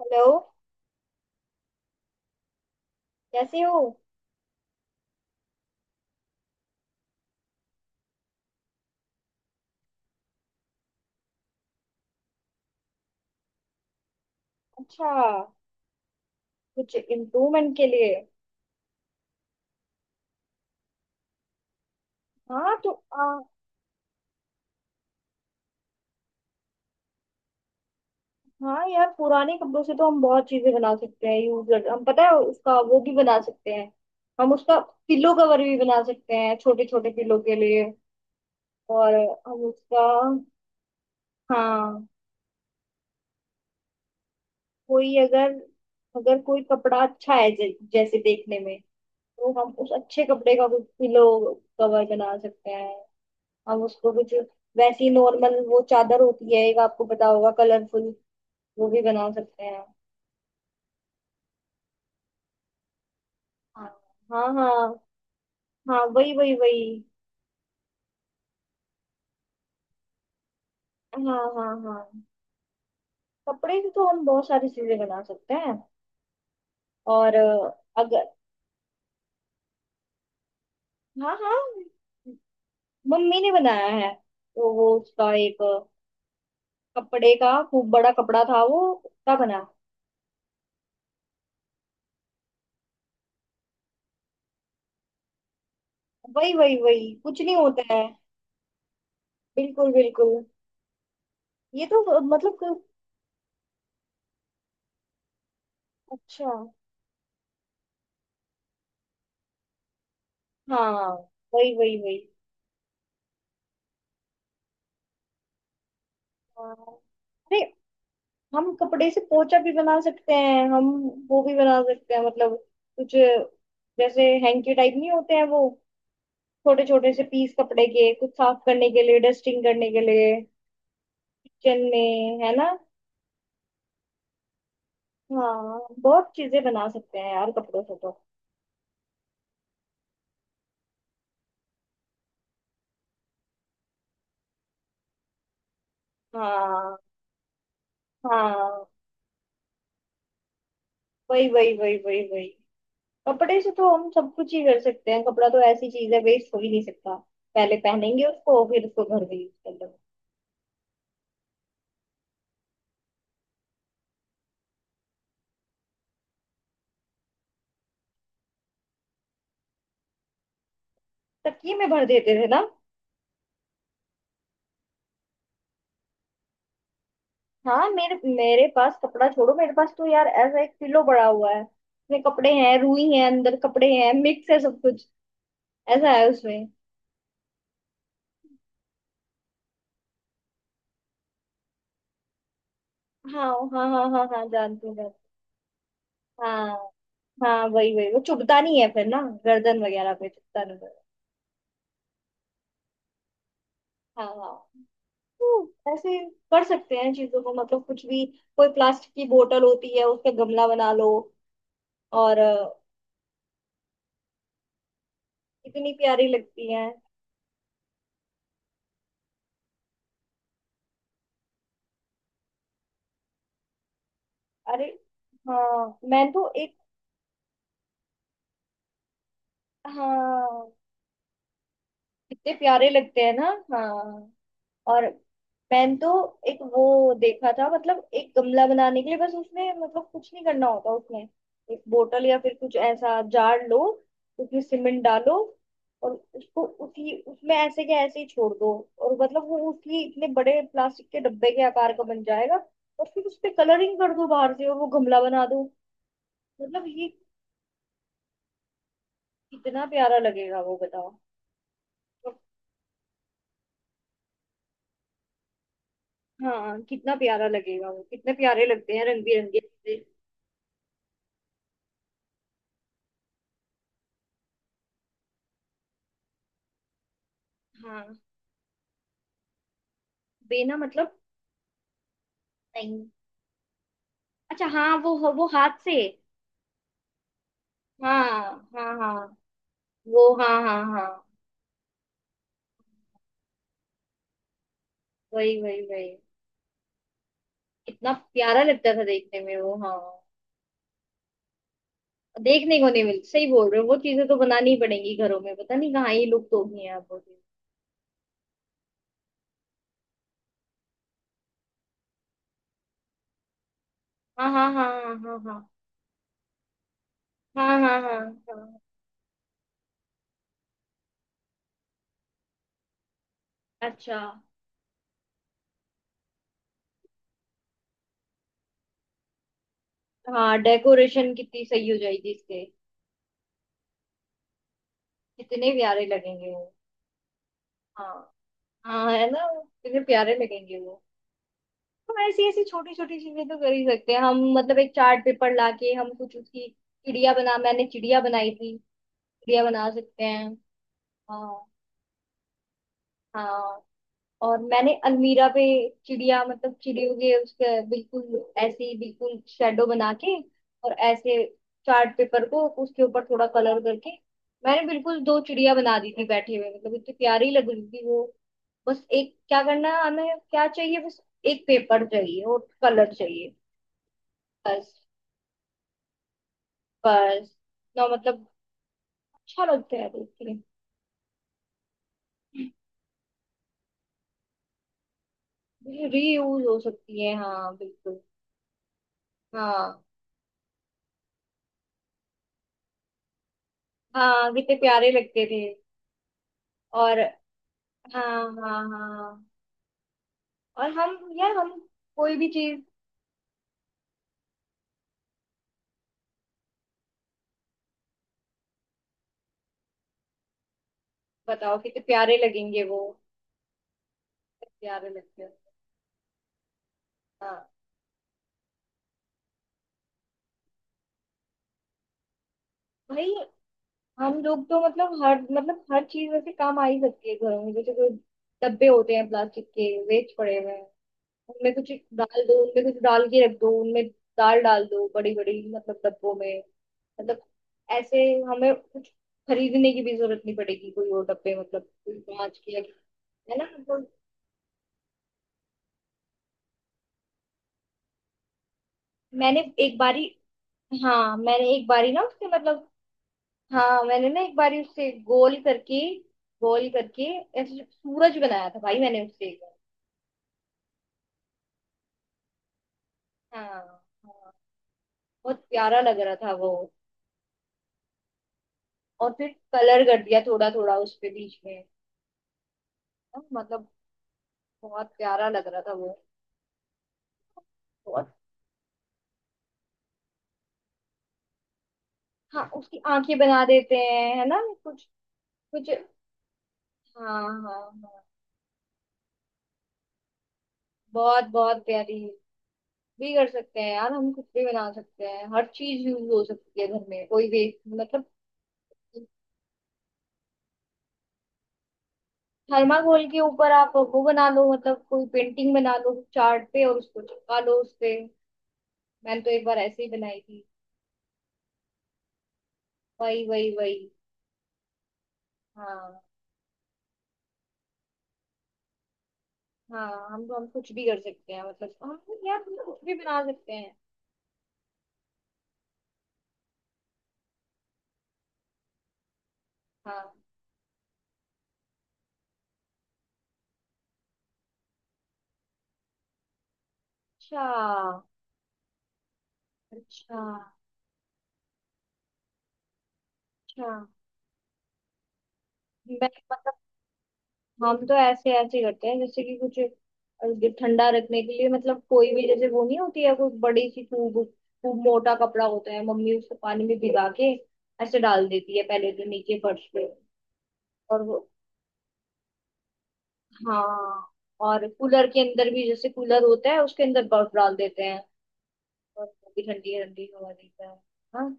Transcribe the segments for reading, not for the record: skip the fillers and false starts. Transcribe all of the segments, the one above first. Hello. कैसे हो? अच्छा, कुछ इम्प्रूवमेंट के लिए। हाँ तो हाँ यार, पुराने कपड़ों से तो हम बहुत चीजें बना सकते हैं। यूजर हम पता है उसका वो भी बना सकते हैं, हम उसका पिल्लो कवर भी बना सकते हैं, छोटे छोटे पिल्लो के लिए। और हम उसका। हाँ। कोई अगर, अगर कोई कपड़ा अच्छा है जैसे देखने में, तो हम उस अच्छे कपड़े का कुछ पिल्लो कवर बना सकते हैं। हम उसको कुछ वैसी नॉर्मल वो चादर होती है एक, आपको पता होगा कलरफुल, वो भी बना सकते हैं। हाँ। हाँ हाँ हाँ। वही वही वही हाँ हाँ हाँ कपड़े से तो हम बहुत सारी चीजें बना सकते हैं। और अगर। हाँ हाँ, मम्मी ने बनाया है। वो उसका एक कपड़े का खूब बड़ा कपड़ा था, वो उसका बना। वही वही वही कुछ नहीं होता है। बिल्कुल बिल्कुल। ये तो मतलब कि-। अच्छा। हाँ। वही वही वही हाँ। अरे, हम कपड़े से पोचा भी बना सकते हैं हम, वो भी बना सकते हैं। मतलब कुछ जैसे हैंकी टाइप नहीं होते हैं वो, छोटे छोटे से पीस कपड़े के, कुछ साफ करने के लिए, डस्टिंग करने के लिए। किचन में, है ना। हाँ, बहुत चीजें बना सकते हैं यार, कपड़ों से तो। हाँ हाँ। वही वही वही वही वही कपड़े से तो हम सब कुछ ही कर सकते हैं। कपड़ा तो ऐसी चीज है, वेस्ट हो ही नहीं सकता। पहले पहनेंगे उसको, फिर उसको घर में यूज कर लेंगे। तकिए में भर देते थे ना। हाँ, मेरे मेरे पास कपड़ा छोड़ो, मेरे पास तो यार ऐसा एक पिलो पड़ा हुआ है, उसमें कपड़े हैं, रुई है, अंदर कपड़े हैं, मिक्स है सब कुछ, ऐसा है उसमें। हाँ हाँ हाँ हाँ हाँ जानती हूँ जानती हूँ। हाँ। हाँ वही वही वो चुभता नहीं है फिर ना, गर्दन वगैरह पे चुभता नहीं है। हाँ हाँ। तो ऐसे कर सकते हैं चीजों को, मतलब कुछ भी। कोई प्लास्टिक की बोतल होती है, उसका गमला बना लो। और इतनी प्यारी लगती है। अरे, हाँ मैं तो एक। हाँ, कितने प्यारे लगते हैं ना। हाँ। और मैंने तो एक वो देखा था, मतलब एक गमला बनाने के लिए बस, उसमें मतलब कुछ नहीं करना होता उसमें। एक बोतल या फिर कुछ ऐसा जार लो, उसमें सीमेंट डालो, और उसको उसी उसमें ऐसे के ऐसे ही छोड़ दो, और मतलब वो उसी इतने बड़े प्लास्टिक के डब्बे के आकार का बन जाएगा। और फिर उस पे कलरिंग कर दो बाहर से, और वो गमला बना दो। मतलब ये कितना प्यारा लगेगा वो बताओ। हाँ, कितना प्यारा लगेगा वो। कितने प्यारे लगते हैं रंग बिरंगे से। हाँ। बेना मतलब? नहीं। अच्छा हाँ, वो हाथ से। हाँ हाँ हाँ वो हाँ हाँ हाँ वही वही वही कितना प्यारा लगता था देखने में वो। हाँ, देखने को नहीं मिलता, सही बोल रहे हो। वो चीजें तो बनानी ही पड़ेंगी घरों में, पता नहीं कहाँ ये लुप्त हो गई हैं अब वो चीज़। हाँ। हाँ। हाँ हाँ हाँ हाँ हाँ। अच्छा। हाँ, डेकोरेशन कितनी सही हो जाएगी इससे। कितने प्यारे लगेंगे वो। हाँ। हाँ, है ना। कितने प्यारे लगेंगे वो। हम ऐसी ऐसी छोटी छोटी चीजें तो कर ही सकते हैं हम। मतलब एक चार्ट पेपर लाके हम कुछ उसकी चिड़िया बना, मैंने चिड़िया बनाई थी, चिड़िया बना सकते हैं। हाँ। हाँ। और मैंने अलमीरा पे चिड़िया, मतलब चिड़ियों के उसके बिल्कुल ऐसे ही बिल्कुल शेडो बना के, और ऐसे चार्ट पेपर को उसके ऊपर थोड़ा कलर करके, मैंने बिल्कुल दो चिड़िया बना दी थी बैठे हुए, मतलब इतनी प्यारी लग रही थी वो। बस एक क्या करना है, हमें क्या चाहिए बस, एक पेपर चाहिए और कलर चाहिए। बस। बस। ना, मतलब अच्छा लगता है देख के। रीयूज हो सकती है, हाँ बिल्कुल। हाँ हाँ, कितने प्यारे लगते थे। और। हाँ हाँ हाँ और हम यार, हम कोई भी चीज। बताओ कितने प्यारे लगेंगे वो। कितने प्यारे लगते हैं। हाँ। भाई, हम लोग तो मतलब हर, मतलब हर चीज वैसे काम आ ही सकती है घरों में। जैसे कोई डब्बे होते हैं प्लास्टिक के, वेस्ट पड़े हुए हैं, उनमें कुछ डाल दो, उनमें कुछ डाल के रख दो उनमें, दाल डाल दो बड़ी बड़ी, मतलब डब्बों में। मतलब ऐसे हमें कुछ खरीदने की भी जरूरत नहीं पड़ेगी। कोई और डब्बे मतलब कोई कांच के, है ना। मतलब मैंने एक बारी। हाँ, मैंने एक बारी ना उसके मतलब। हाँ, मैंने ना एक बारी उससे गोल करके, गोल करके ऐसे सूरज बनाया था भाई, मैंने उससे एक बार। हाँ। हाँ, बहुत प्यारा लग रहा था वो। और फिर कलर कर दिया थोड़ा थोड़ा उस पे बीच में। हाँ, मतलब बहुत प्यारा लग रहा था वो। बहुत। हाँ, उसकी आंखें बना देते हैं है ना कुछ। कुछ। हाँ हाँ हाँ बहुत बहुत प्यारी भी कर सकते हैं यार, हम कुछ भी बना सकते हैं। हर चीज यूज हो सकती है घर में, कोई भी। मतलब थर्माकोल के ऊपर आप वो बना लो, मतलब कोई पेंटिंग बना लो चार्ट पे और उसको चिपका लो उस पे। मैंने तो एक बार ऐसे ही बनाई थी। वही वही वही हाँ। हाँ, हम कुछ भी कर सकते हैं, मतलब हम, यार हम कुछ भी बना सकते हैं। हाँ। अच्छा। अच्छा। अच्छा। मैं मतलब हम तो ऐसे ऐसे करते हैं, जैसे कि कुछ ठंडा रखने के लिए, मतलब कोई भी, जैसे वो नहीं होती है कोई बड़ी सी खूब खूब मोटा कपड़ा होता है, मम्मी उसको पानी में भिगा के ऐसे डाल देती है पहले तो नीचे फर्श पे, और वो। हाँ। और कूलर के अंदर भी, जैसे कूलर होता है उसके अंदर बर्फ डाल देते हैं, और वो भी ठंडी ठंडी हवा देता है। हाँ,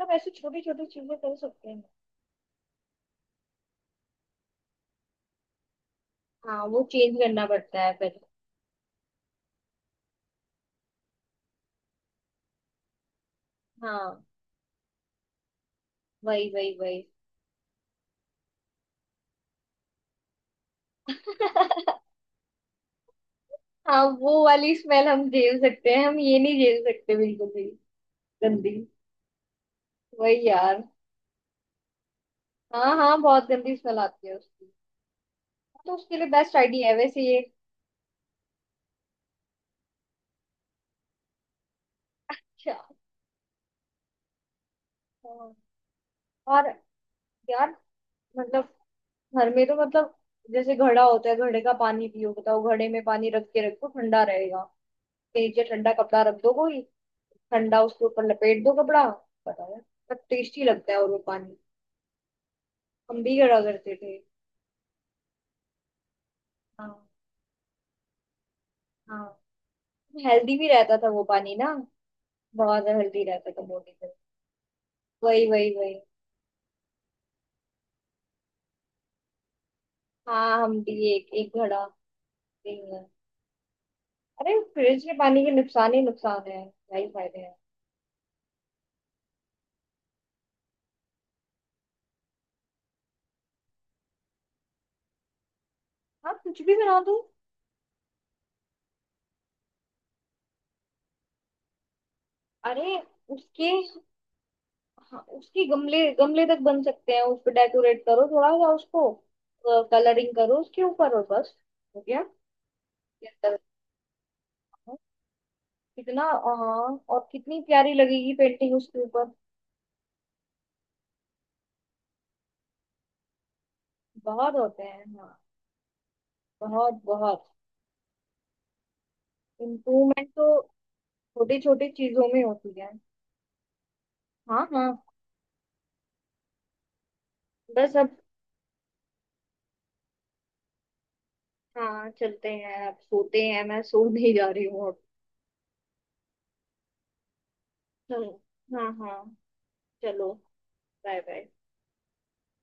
मतलब ऐसे छोटी छोटी चीजें कर सकते हैं। हाँ, वो चेंज करना पड़ता है पहले। हाँ। वही वही वही हाँ, वो वाली स्मेल हम झेल सकते हैं, हम ये नहीं झेल सकते बिल्कुल भी। गंदी। वही यार। हाँ हाँ, बहुत गंदी स्मेल आती है उसकी। हाँ, तो उसके लिए बेस्ट आइडिया है वैसे ये। अच्छा। हाँ। और यार, मतलब घर में तो, मतलब जैसे घड़ा होता है, घड़े का पानी पियो, बताओ घड़े में पानी रख के रखो, ठंडा रहेगा। उसके नीचे ठंडा कपड़ा रख दो कोई, ठंडा, उसके ऊपर लपेट दो कपड़ा। बताओ यार, बहुत टेस्टी लगता है और वो पानी। हम भी घड़ा करते थे। हाँ। हाँ, हेल्दी भी रहता था वो पानी ना, बहुत हेल्दी रहता था बॉडी पे। वही वही वही हाँ, हम भी एक एक घड़ा पीएंगे। अरे, फ्रिज के पानी के नुकसान ही नुकसान है, क्या ही फायदे हैं। आप कुछ भी बना दो। अरे, उसके। हाँ, उसके गमले, गमले तक बन सकते हैं उसको, डेकोरेट करो थोड़ा सा उसको, कलरिंग करो उसके ऊपर, और बस हो गया। ये अंदर रखो। कितना हाँ, और कितनी प्यारी लगेगी पेंटिंग उसके ऊपर। बहुत होते हैं हाँ, बहुत बहुत। इम्प्रूवमेंट तो छोटी छोटी चीजों में होती है। हाँ हाँ। बस अब। हाँ, चलते हैं अब, सोते हैं, मैं सो नहीं जा रही हूँ अब। चलो। हाँ हाँ। चलो, बाय बाय।